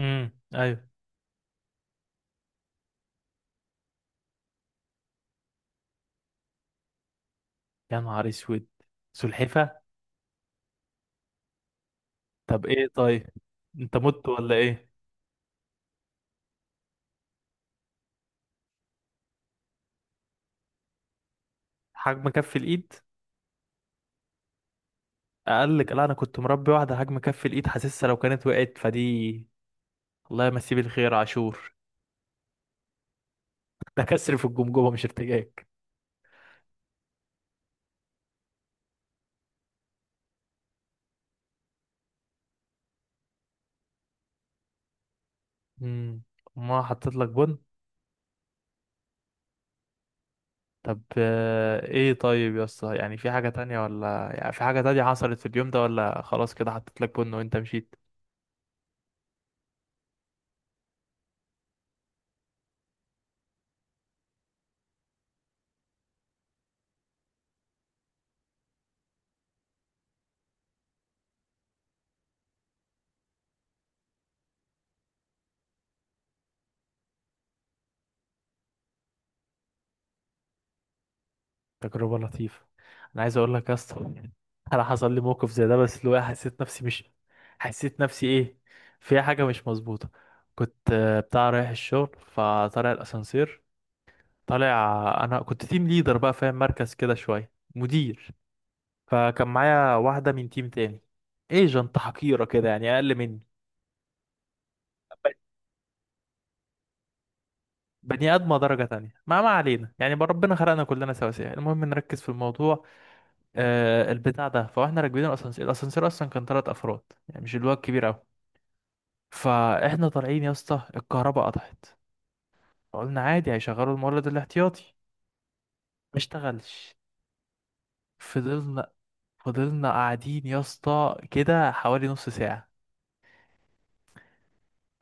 ايوه. يا نهار اسود. سلحفه؟ طب ايه طيب، انت مت ولا ايه؟ حجم كف الايد. اقل لك؟ لا، انا كنت مربي واحده حجم كف الايد، حاسسها لو كانت وقعت فدي. الله يمسيه بالخير عاشور. ده كسر في الجمجمه مش ارتجاج. امم ما حطيت لك بن. طب ايه طيب يا اسطى؟ يعني في حاجه تانية، ولا يعني في حاجه تانية حصلت في اليوم ده، ولا خلاص كده حطيت لك بن وانت مشيت؟ تجربة لطيفة. انا عايز اقول لك يا اسطى، انا حصل لي موقف زي ده، بس اللي هو حسيت نفسي مش، حسيت نفسي ايه، فيها حاجة مش مظبوطة. كنت بتاع رايح الشغل، فطالع الاسانسير. طالع، انا كنت تيم ليدر بقى فاهم، مركز كده شوية مدير. فكان معايا واحدة من تيم تاني، ايجنت حقيرة كده يعني، اقل مني. بني ادمه درجه تانية، ما علينا يعني بقى، ربنا خلقنا كلنا سواسية، المهم نركز في الموضوع. البتاع ده، فاحنا راكبين الاسانسير. الاسانسير اصلا كان 3 افراد، يعني مش اللي هو الكبير قوي. فاحنا طالعين يا اسطى، الكهرباء قطعت. فقلنا عادي، هيشغلوا المولد الاحتياطي. ما اشتغلش. فضلنا فضلنا قاعدين يا اسطى كده حوالي نص ساعة.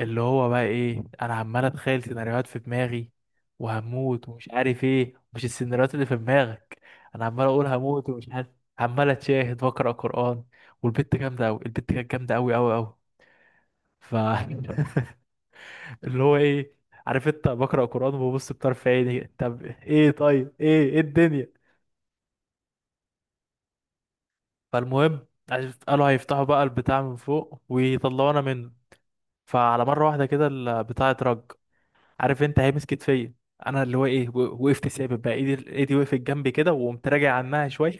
اللي هو بقى ايه، انا عمال اتخيل سيناريوهات في دماغي، وهموت ومش عارف ايه، مش السيناريوهات اللي في دماغك. انا عمال اقول هموت ومش عارف. عمال اتشاهد واقرا قرآن. والبت جامدة قوي، البت كانت جامدة قوي قوي قوي. ف اللي هو ايه، عارف انت، بقرا قران وببص بطرف عيني. طب ايه طيب ايه، ايه الدنيا؟ فالمهم، قالوا هيفتحوا بقى البتاع من فوق ويطلعونا منه. فعلى مره واحده كده البتاع اترج. عارف انت، هيمس كتفيا. انا اللي هو ايه، وقفت ثابت بقى، ايدي ايدي وقفت جنبي كده، وقمت راجع عنها شويه.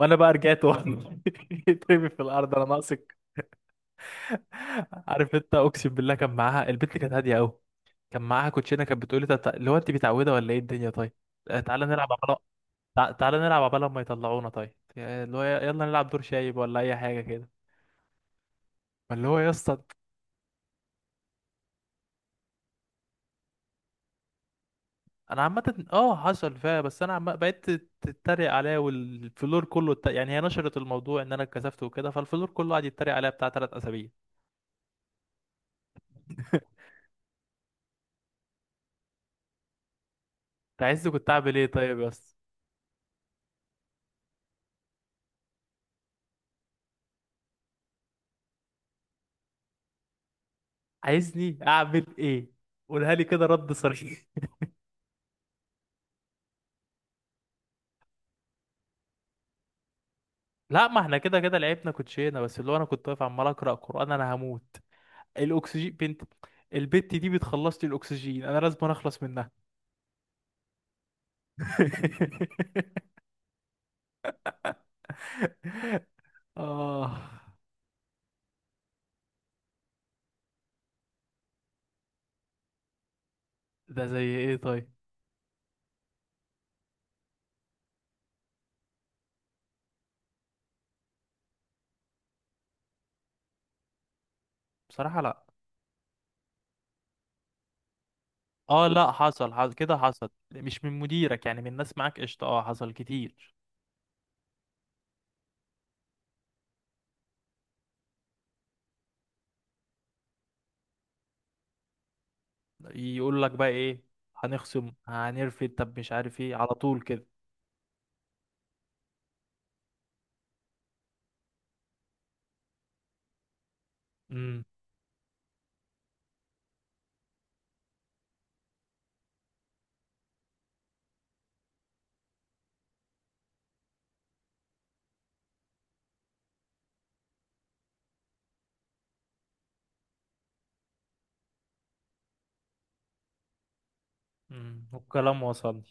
وانا بقى رجعت ورا اترمي في الارض، انا ناقصك؟ عارف انت، اقسم بالله كان معاها، البنت كانت هاديه قوي. كان معاها كوتشينه كانت بتقولي طب، اللي هو انت متعوده ولا ايه الدنيا؟ طيب. تعالى نلعب عبالة. تعالى نلعب عبالة ما يطلعونا طيب، اللي هو، يلا نلعب دور شايب ولا اي حاجه كده. فاللي هو يا اسطى، انا عامه اه حصل فيها، بس انا عم بقيت تتريق عليا، والفلور كله، يعني هي نشرت الموضوع ان انا اتكسفت وكده، فالفلور كله قعد يتريق عليا بتاع 3 اسابيع. انت عايزني كنت اعمل ايه طيب يا اسطى؟ عايزني اعمل ايه؟ قولها لي كده، رد صريح. لا، ما احنا كده كده لعبنا كوتشينه، بس اللي هو انا كنت واقف عمال اقرا قران، انا هموت. الاكسجين بنت. البت دي بتخلص لي الاكسجين، انا لازم اخلص منها. اه. ده زي ايه طيب؟ بصراحة لا. اه لا، حصل كده، حصل مش من مديرك يعني، من ناس معاك قشطة، اه حصل كتير. يقول لك بقى ايه؟ هنخصم، هنرفد، طب مش عارف ايه، على طول كده. امم والكلام وصلني.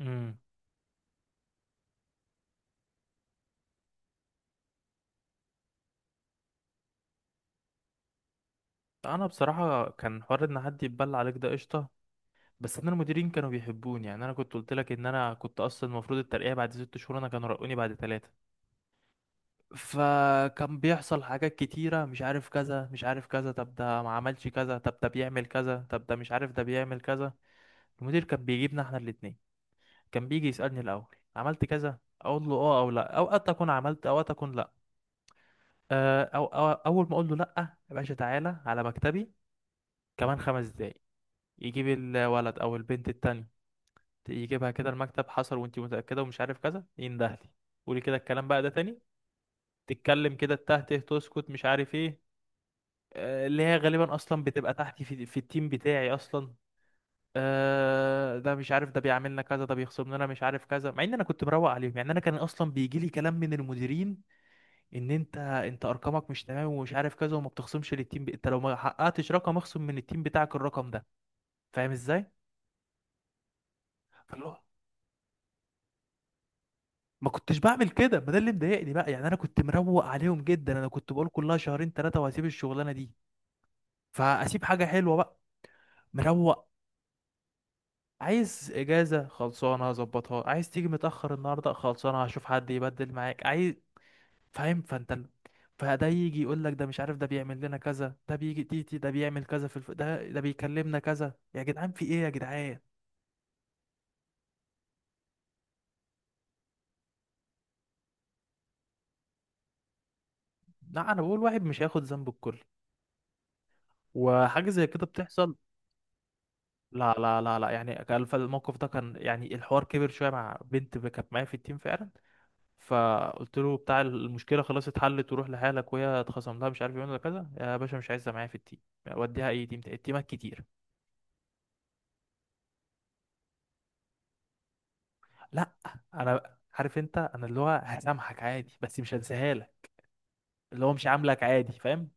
امم انا بصراحة كان حوار ان حد يتبلى عليك ده قشطة. بس انا المديرين كانوا بيحبوني يعني، انا كنت قلت لك ان انا كنت اصلا المفروض الترقية بعد 6 شهور، انا كانوا رقوني بعد 3. فكان بيحصل حاجات كتيرة، مش عارف كذا، مش عارف كذا، طب ده ما عملش كذا، طب ده بيعمل كذا، طب ده مش عارف، ده بيعمل كذا. المدير كان بيجيبنا احنا الاتنين. كان بيجي يسألني الاول عملت كذا، اقول له اه او لا، اوقات اكون عملت، اوقات اكون لا. أو اول ما اقول له لا، يا باشا تعالى على مكتبي كمان 5 دقايق. يجيب الولد او البنت التانية، يجيبها كده المكتب، حصل وانت متأكدة ومش عارف كذا، يندهلي. قولي كده الكلام بقى ده تاني. تتكلم كده، التاه ته تسكت مش عارف ايه. اللي هي غالبا اصلا بتبقى تحتي في التيم بتاعي اصلا. آه ده مش عارف، ده بيعملنا كذا، ده بيخصم لنا مش عارف كذا، مع ان انا كنت مروق عليهم يعني، انا كان اصلا بيجي لي كلام من المديرين ان انت ارقامك مش تمام ومش عارف كذا، وما بتخصمش للتيم، انت لو ما حققتش رقم اخصم من التيم بتاعك الرقم ده. فاهم ازاي. فاللي هو ما كنتش بعمل كده، ما ده اللي مضايقني بقى يعني، انا كنت مروق عليهم جدا، انا كنت بقول كلها شهرين ثلاثه وهسيب الشغلانه دي، فاسيب حاجه حلوه بقى. مروق. عايز اجازه خلصانه هظبطها، عايز تيجي متاخر النهارده خلصانه هشوف حد يبدل معاك، عايز، فاهم. فده يجي يقول لك، ده مش عارف، ده بيعمل لنا كذا، ده بيجي تيتي، ده بيعمل كذا، ده بيكلمنا كذا، يا جدعان في ايه يا جدعان؟ لا، انا بقول واحد مش هياخد ذنب الكل، وحاجه زي كده بتحصل. لا، لا، لا، لا، يعني كان فالموقف ده، كان يعني الحوار كبر شويه مع بنت كانت معايا في التيم فعلا. فقلت له بتاع، المشكله خلاص اتحلت وروح لحالك، وهي اتخصم لها مش عارف ايه ولا كذا يا باشا، مش عايزها معايا في التيم، وديها اي تيم تاني. التيمات كتير. لا، انا عارف انت، انا اللي هو هسامحك عادي، بس مش هنساها لك. اللي هو مش عاملك عادي، فاهم.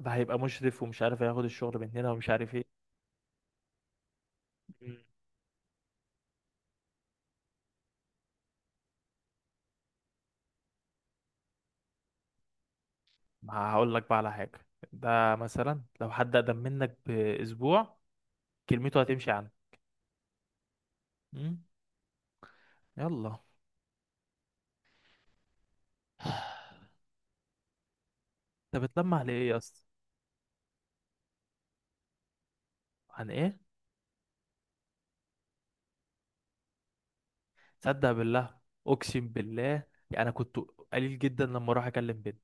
ده هيبقى مشرف، ومش عارف هياخد الشغل مننا، ومش عارف ايه. مم. ما هقول لك بقى على حاجه. ده مثلا لو حد اقدم منك باسبوع، كلمته هتمشي عنه. يلا. انت بتلمع لإيه يا اسطى؟ عن ايه؟ صدق بالله. اقسم بالله. يعني انا كنت قليل جدا لما اروح اكلم بنت.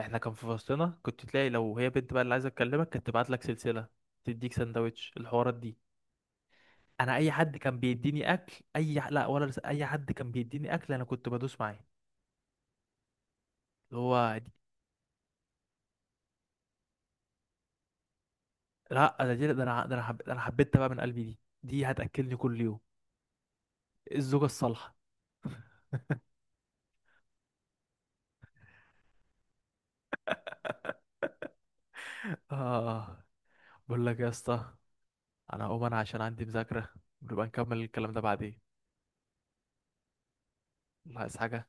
احنا كان في فصلنا، كنت تلاقي لو هي بنت بقى اللي عايزه تكلمك، كانت تبعت لك سلسله، تديك سندوتش، الحوارات دي. انا اي حد كان بيديني اكل، لا، اي حد كان بيديني اكل انا كنت بدوس معاه. اللي هو دي... لا، ده دي... ده انا ده انا, حب... ده أنا حبيتها بقى من قلبي، دي هتاكلني كل يوم. الزوجه الصالحه. اه. بقول لك يا اسطى، انا هقوم انا عشان عندي مذاكرة، ونبقى نكمل الكلام ده بعدين. الله، عايز حاجة؟